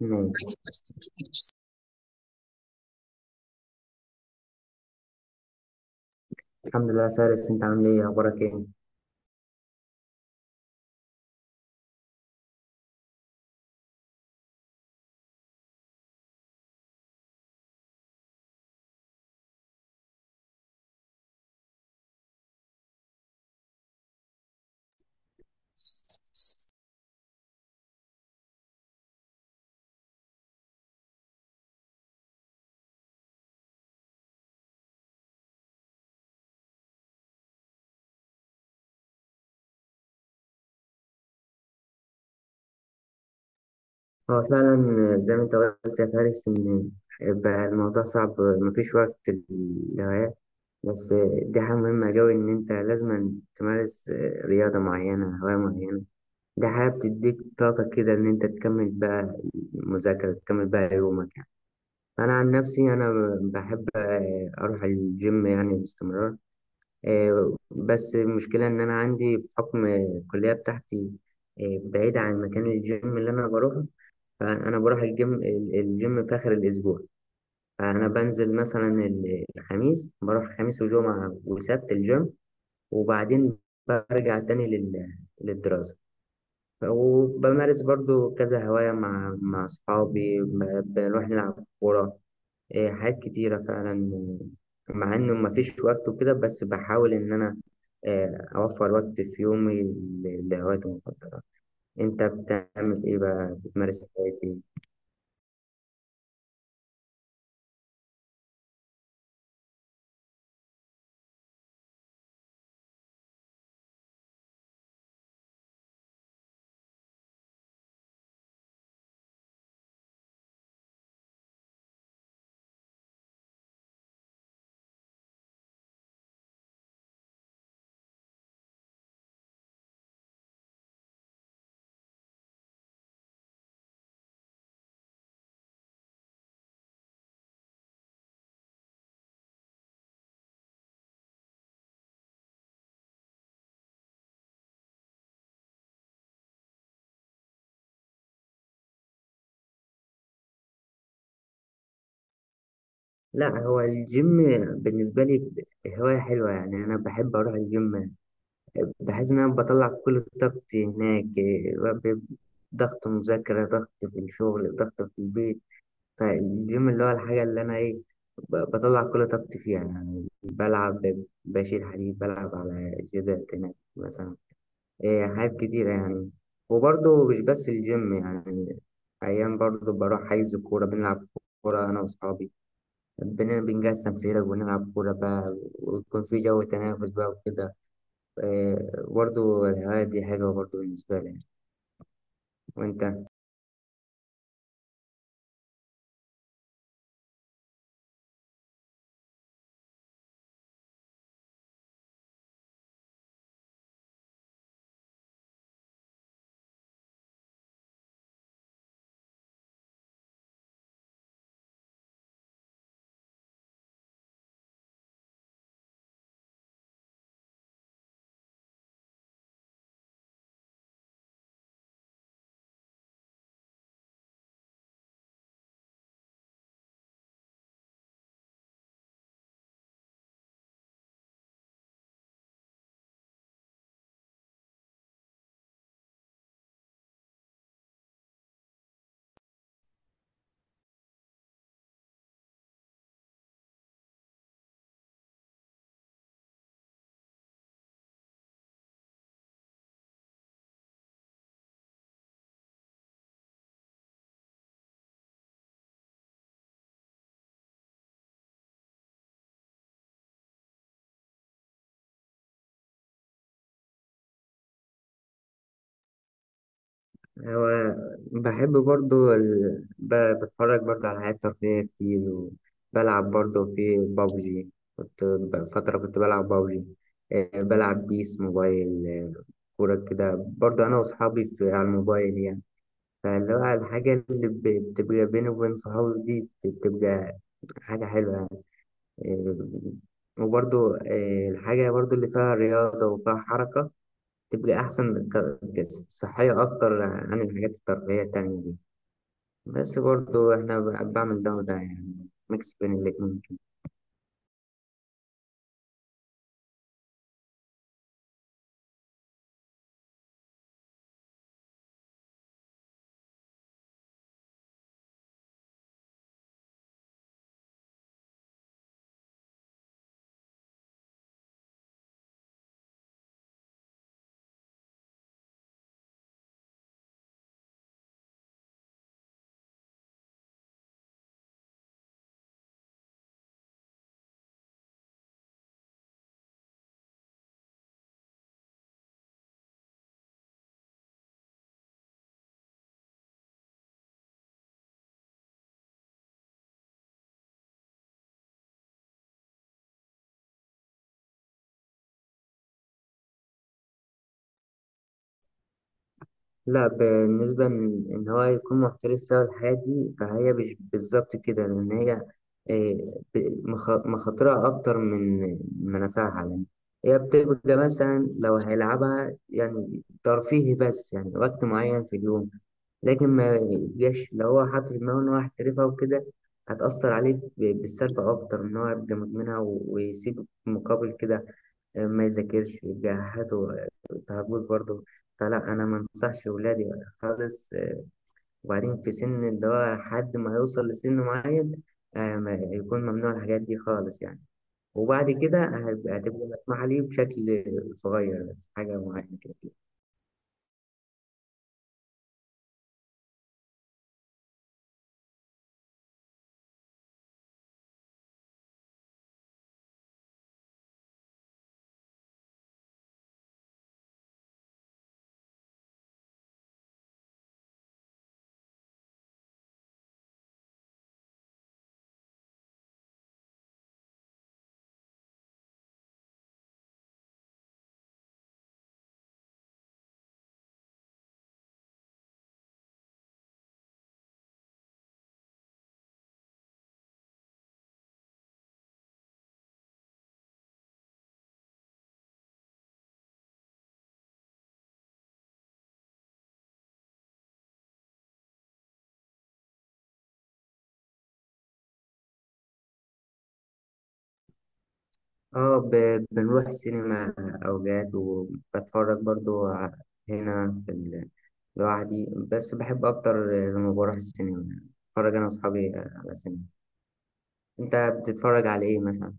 ماشي. الحمد لله يا فارس، انت عامل ايه؟ اخبارك ايه؟ هو فعلا زي ما انت قلت يا فارس ان بقى الموضوع صعب، مفيش وقت للهوايات. بس دي حاجة مهمة أوي إن أنت لازم تمارس رياضة معينة، هواية معينة. دي حاجة بتديك طاقة كده إن أنت تكمل بقى المذاكرة، تكمل بقى يومك يعني. أنا عن نفسي بحب أروح الجيم يعني باستمرار. بس المشكلة إن أنا عندي بحكم الكلية بتاعتي، بعيدة عن مكان الجيم اللي أنا بروحه. فأنا بروح الجيم الجيم في آخر الأسبوع. فأنا بنزل مثلا الخميس، بروح خميس وجمعة وسبت الجيم. وبعدين برجع تاني للدراسة. وبمارس برضو كذا هواية مع أصحابي، بنروح نلعب كورة. حاجات كتيرة فعلا، مع إنه مفيش وقت وكده، بس بحاول إن أنا أوفر وقت في يومي لهوايتي المفضلة. أنت بتعمل إيه بقى؟ بتمارس هوايتي؟ لا، هو الجيم بالنسبة لي هواية حلوة يعني. أنا بحب أروح الجيم، بحس إن أنا بطلع كل طاقتي هناك. ضغط مذاكرة، ضغط في الشغل، ضغط في البيت. فالجيم اللي هو الحاجة اللي أنا إيه، بطلع كل طاقتي فيها يعني. بلعب، بشيل حديد، بلعب على جدار هناك مثلا. إيه، حاجات كتيرة يعني. وبرضه مش بس الجيم يعني، أيام برضه بروح حيز كورة بنلعب كورة أنا وأصحابي. بنقسم فرق ونلعب كورة بقى، ويكون في جو تنافس بقى وكده. إيه، برضه الهواية دي حلوة برضه بالنسبة لي. وأنت؟ هو بحب برضو بتفرج برضو على حاجات ترفيهية كتير. وبلعب برضو في بابجي، كنت فترة كنت بلعب بابجي. بلعب بيس موبايل. كورة كده برضو أنا وأصحابي على الموبايل يعني. فاللي هو الحاجة اللي بتبقى بيني وبين صحابي دي، بتبقى حاجة حلوة يعني. وبرضو الحاجة برضو اللي فيها رياضة وفيها حركة تبقى أحسن، صحية أكتر عن الحاجات الترفيهية التانية دي. بس برضو احنا بعمل ده وده يعني، ميكس بين الاتنين كده. لا، بالنسبة ان إن هو يكون محترف فيها الحياة دي، فهي مش بالظبط كده، لان هي إيه، مخاطرها اكتر من منافعها يعني. هي بتبقى مثلا لو هيلعبها يعني ترفيهي بس، يعني وقت معين في اليوم. لكن ما يبقاش لو هو حاطط في دماغه ان هو هيحترفها وكده، هتأثر عليه بالسلب أكتر. إن هو يبقى مدمنها ويسيب مقابل كده، ما يذاكرش، يجهده، تهجس برضه. فلا، انا ما انصحش ولادي خالص. وبعدين في سن اللي هو حد ما يوصل لسن معين، يكون ممنوع الحاجات دي خالص يعني. وبعد كده هتبقى مسموحة ليه بشكل صغير، بس حاجة معينة كده. اه، بنروح سينما أوقات، وبتفرج برضو هنا في ال- لوحدي، بس بحب أكتر لما بروح السينما بتفرج أنا وأصحابي على سينما. أنت بتتفرج على إيه مثلا؟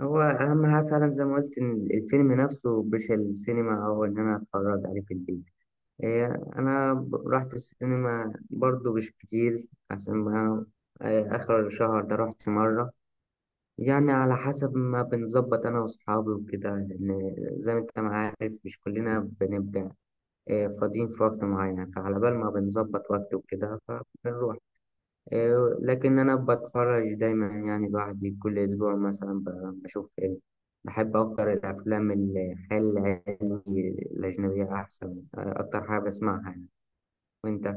هو أهم حاجة فعلا زي ما قلت إن الفيلم نفسه، مش السينما أو إن أنا أتفرج عليه في البيت. إيه، أنا رحت السينما برضو مش كتير، عشان ما إيه، آخر الشهر ده رحت مرة. يعني على حسب ما بنظبط أنا وأصحابي وكده، لأن زي ما أنت ما عارف، مش كلنا بنبقى إيه، فاضيين في وقت معين. فعلى بال ما بنظبط وقت وكده فبنروح. لكن أنا بتفرج دايما يعني، بعد كل أسبوع مثلا بشوف فيلم. بحب أكتر الأفلام الخيال العلمي، الأجنبية أحسن، أكتر حاجة بسمعها يعني. وأنت؟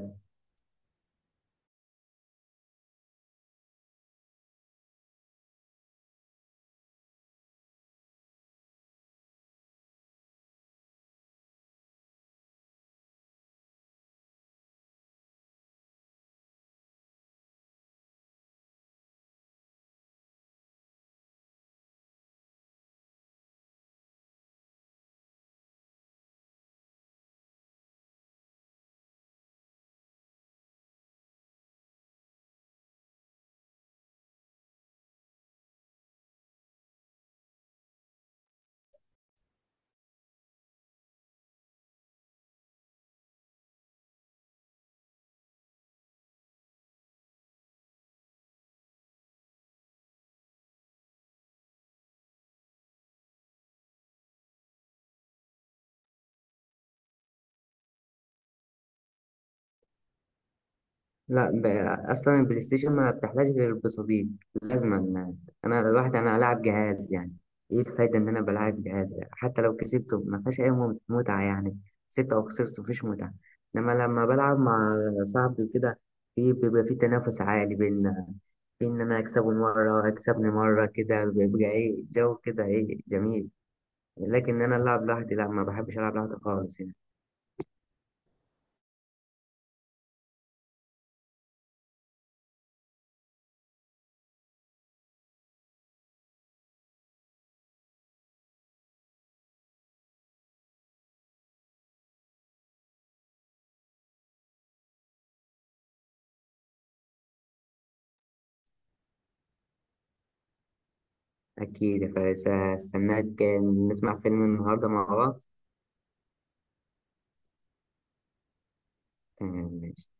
لا. أصلا البلاي ستيشن ما بتحتاج غير بصديق، لازما يعني. أنا الواحد ألعب جهاز يعني، إيه الفايدة إن أنا بلعب جهاز؟ حتى لو كسبته ما فيهاش أي متعة يعني، كسبت أو خسرت مفيش متعة. إنما لما بلعب مع صاحبي كده، في بيبقى في تنافس عالي بيننا، في إن أنا أكسبه مرة، أكسبني مرة، كده بيبقى إيه، جو كده، إيه، جميل. لكن أنا ألعب لوحدي لا، ما بحبش ألعب لوحدي خالص يعني. أكيد، فاستناك نسمع فيلم النهاردة مع بعض.